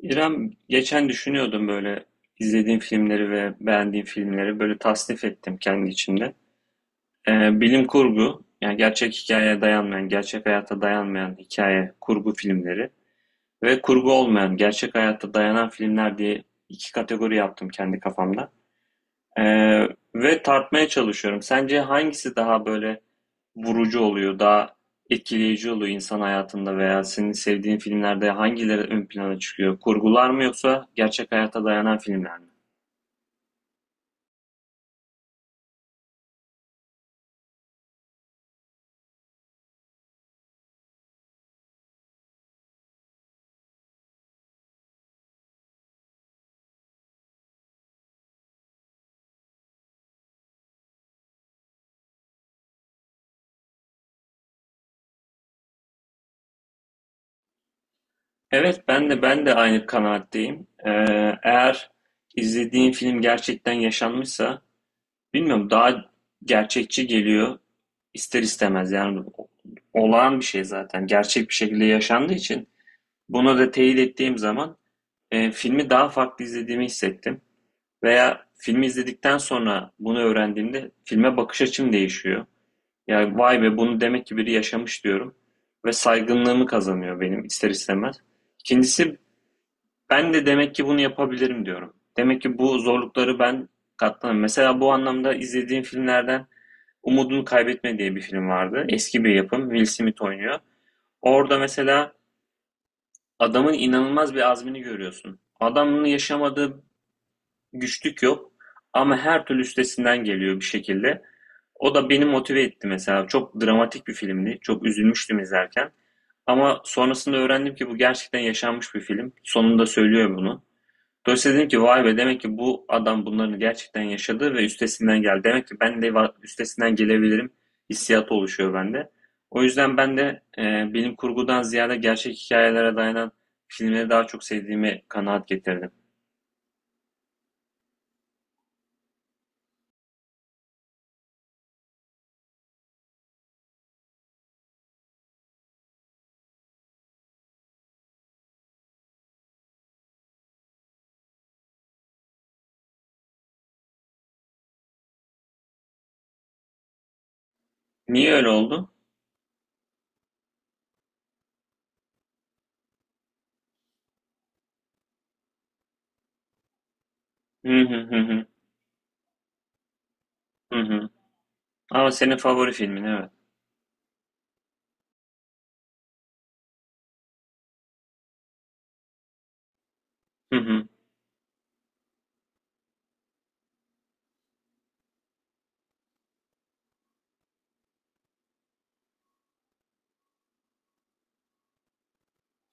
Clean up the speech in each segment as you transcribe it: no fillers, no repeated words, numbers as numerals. İrem geçen düşünüyordum böyle izlediğim filmleri ve beğendiğim filmleri böyle tasnif ettim kendi içimde. Bilim kurgu yani gerçek hikayeye dayanmayan, gerçek hayata dayanmayan hikaye kurgu filmleri ve kurgu olmayan, gerçek hayata dayanan filmler diye iki kategori yaptım kendi kafamda. Ee, Ve tartmaya çalışıyorum. Sence hangisi daha böyle vurucu oluyor, daha etkileyici oluyor insan hayatında veya senin sevdiğin filmlerde hangileri ön plana çıkıyor? Kurgular mı yoksa gerçek hayata dayanan filmler mi? Evet, ben de aynı kanaatteyim. Eğer izlediğin film gerçekten yaşanmışsa, bilmiyorum daha gerçekçi geliyor ister istemez. Yani olağan bir şey zaten, gerçek bir şekilde yaşandığı için. Bunu da teyit ettiğim zaman. Filmi daha farklı izlediğimi hissettim. Veya filmi izledikten sonra bunu öğrendiğimde filme bakış açım değişiyor. Yani vay be bunu demek ki biri yaşamış diyorum. Ve saygınlığımı kazanıyor benim ister istemez. İkincisi ben de demek ki bunu yapabilirim diyorum. Demek ki bu zorlukları ben katlanırım. Mesela bu anlamda izlediğim filmlerden Umudunu Kaybetme diye bir film vardı. Eski bir yapım. Will Smith oynuyor. Orada mesela adamın inanılmaz bir azmini görüyorsun. Adam bunu yaşamadı, güçlük yok. Ama her türlü üstesinden geliyor bir şekilde. O da beni motive etti mesela. Çok dramatik bir filmdi. Çok üzülmüştüm izlerken. Ama sonrasında öğrendim ki bu gerçekten yaşanmış bir film. Sonunda söylüyor bunu. Dolayısıyla dedim ki vay be demek ki bu adam bunların gerçekten yaşadı ve üstesinden geldi. Demek ki ben de üstesinden gelebilirim hissiyatı oluşuyor bende. O yüzden ben de bilim kurgudan ziyade gerçek hikayelere dayanan filmleri daha çok sevdiğimi kanaat getirdim. Niye öyle oldu? Hı hı hı hı. Hı hı. Ama senin favori filmin evet. Hı hı.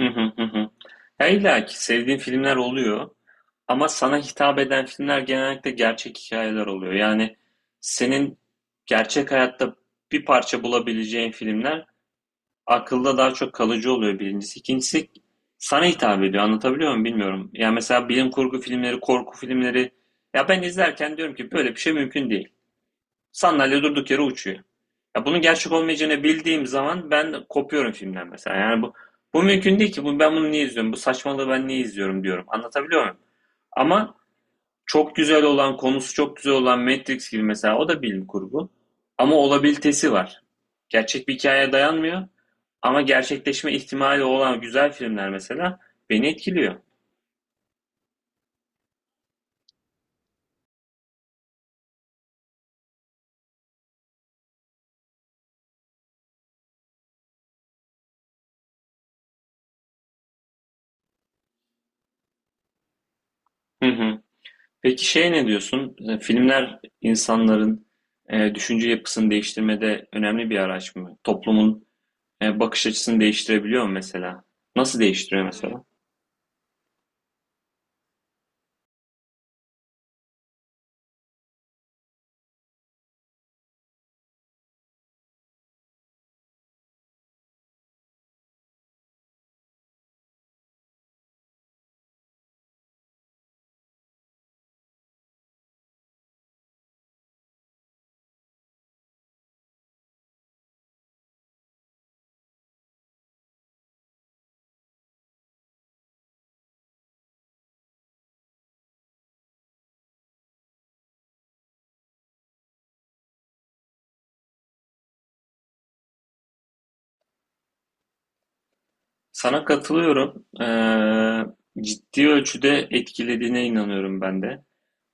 Hı hı hı hı. Ya illa ki sevdiğin filmler oluyor ama sana hitap eden filmler genellikle gerçek hikayeler oluyor. Yani senin gerçek hayatta bir parça bulabileceğin filmler akılda daha çok kalıcı oluyor birincisi. İkincisi sana hitap ediyor. Anlatabiliyor muyum bilmiyorum. Yani mesela bilim kurgu filmleri, korku filmleri ya ben izlerken diyorum ki böyle bir şey mümkün değil. Sandalye durduk yere uçuyor. Ya bunun gerçek olmayacağını bildiğim zaman ben kopuyorum filmden mesela. Yani bu mümkün değil ki. Bu, ben bunu niye izliyorum? Bu saçmalığı ben niye izliyorum diyorum. Anlatabiliyor muyum? Ama çok güzel olan, konusu çok güzel olan Matrix gibi mesela o da bilim kurgu. Ama olabilitesi var. Gerçek bir hikayeye dayanmıyor. Ama gerçekleşme ihtimali olan güzel filmler mesela beni etkiliyor. Hı hı. Peki şey ne diyorsun? E, filmler insanların düşünce yapısını değiştirmede önemli bir araç mı? Toplumun bakış açısını değiştirebiliyor mu mesela? Nasıl değiştiriyor mesela? Sana katılıyorum. E, ciddi ölçüde etkilediğine inanıyorum ben de.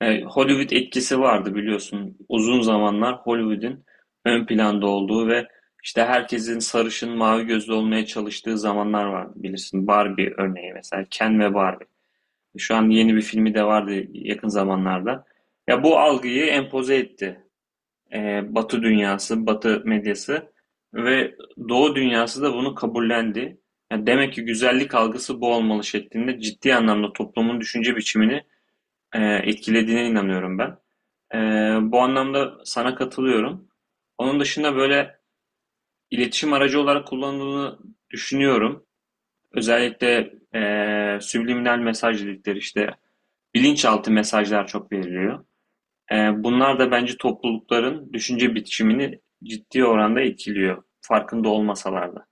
E, Hollywood etkisi vardı biliyorsun. Uzun zamanlar Hollywood'in ön planda olduğu ve işte herkesin sarışın, mavi gözlü olmaya çalıştığı zamanlar vardı bilirsin. Barbie örneği mesela. Ken ve Barbie. Şu an yeni bir filmi de vardı yakın zamanlarda. Ya bu algıyı empoze etti. Batı dünyası, Batı medyası ve Doğu dünyası da bunu kabullendi. Yani demek ki güzellik algısı bu olmalı şeklinde ciddi anlamda toplumun düşünce biçimini etkilediğine inanıyorum ben. Ee, Bu anlamda sana katılıyorum. Onun dışında böyle iletişim aracı olarak kullanıldığını düşünüyorum. Özellikle subliminal mesaj dedikleri işte bilinçaltı mesajlar çok veriliyor. Bunlar da bence toplulukların düşünce biçimini ciddi oranda etkiliyor, farkında olmasalar da.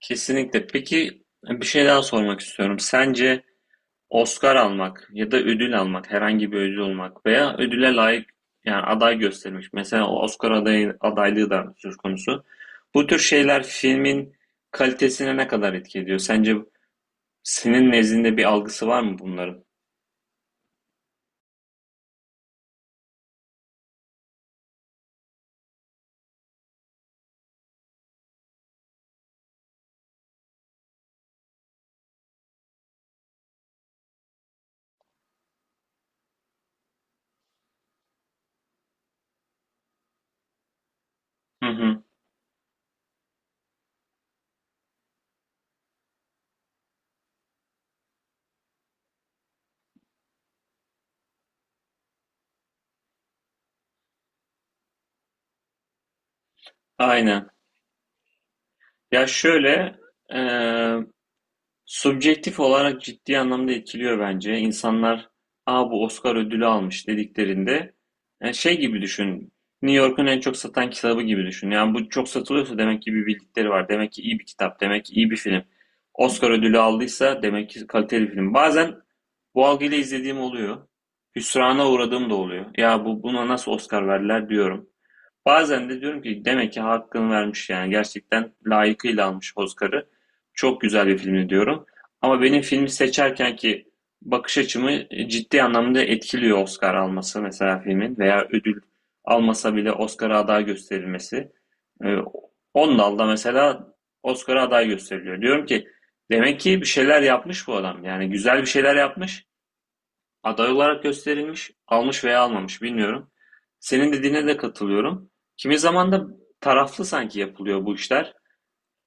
Kesinlikle. Peki bir şey daha sormak istiyorum. Sence Oscar almak ya da ödül almak, herhangi bir ödül olmak veya ödüle layık yani aday gösterilmiş. Mesela o Oscar adayı, adaylığı da söz konusu. Bu tür şeyler filmin kalitesine ne kadar etki ediyor? Sence senin nezdinde bir algısı var mı bunların? Hı hı. Aynen. Ya şöyle, eee, subjektif olarak ciddi anlamda etkiliyor bence. İnsanlar, aa bu Oscar ödülü almış dediklerinde, yani şey gibi düşün, New York'un en çok satan kitabı gibi düşün. Yani bu çok satılıyorsa demek ki bir bildikleri var, demek ki iyi bir kitap, demek ki iyi bir film. Oscar ödülü aldıysa demek ki kaliteli film. Bazen bu algıyla izlediğim oluyor. Hüsrana uğradığım da oluyor. Ya bu buna nasıl Oscar verdiler diyorum. Bazen de diyorum ki demek ki hakkını vermiş yani gerçekten layıkıyla almış Oscar'ı. Çok güzel bir filmdi diyorum. Ama benim filmi seçerken ki bakış açımı ciddi anlamda etkiliyor Oscar alması mesela filmin veya ödül almasa bile Oscar'a aday gösterilmesi. Ee, 10 dalda mesela Oscar'a aday gösteriliyor. Diyorum ki demek ki bir şeyler yapmış bu adam. Yani güzel bir şeyler yapmış. Aday olarak gösterilmiş, almış veya almamış bilmiyorum. Senin dediğine de katılıyorum. Kimi zaman da taraflı sanki yapılıyor bu işler.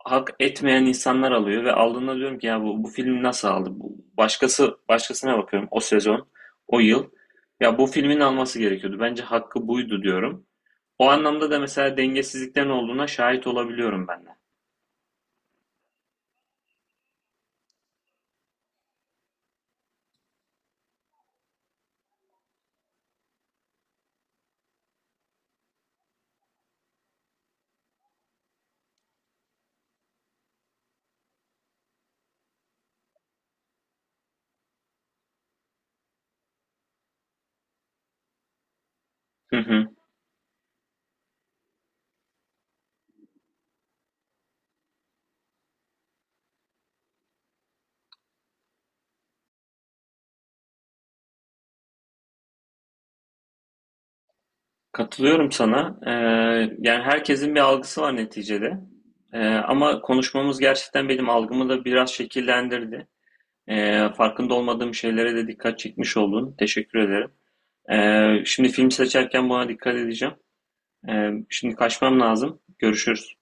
Hak etmeyen insanlar alıyor ve aldığında diyorum ki ya bu film nasıl aldı? Bu, başkası başkasına bakıyorum o sezon, o yıl. Ya bu filmin alması gerekiyordu. Bence hakkı buydu diyorum. O anlamda da mesela dengesizliklerin olduğuna şahit olabiliyorum ben de. Hı hı. Katılıyorum sana. Yani herkesin bir algısı var neticede. Ama konuşmamız gerçekten benim algımı da biraz şekillendirdi. Farkında olmadığım şeylere de dikkat çekmiş oldun. Teşekkür ederim. Şimdi film seçerken buna dikkat edeceğim. Şimdi kaçmam lazım. Görüşürüz.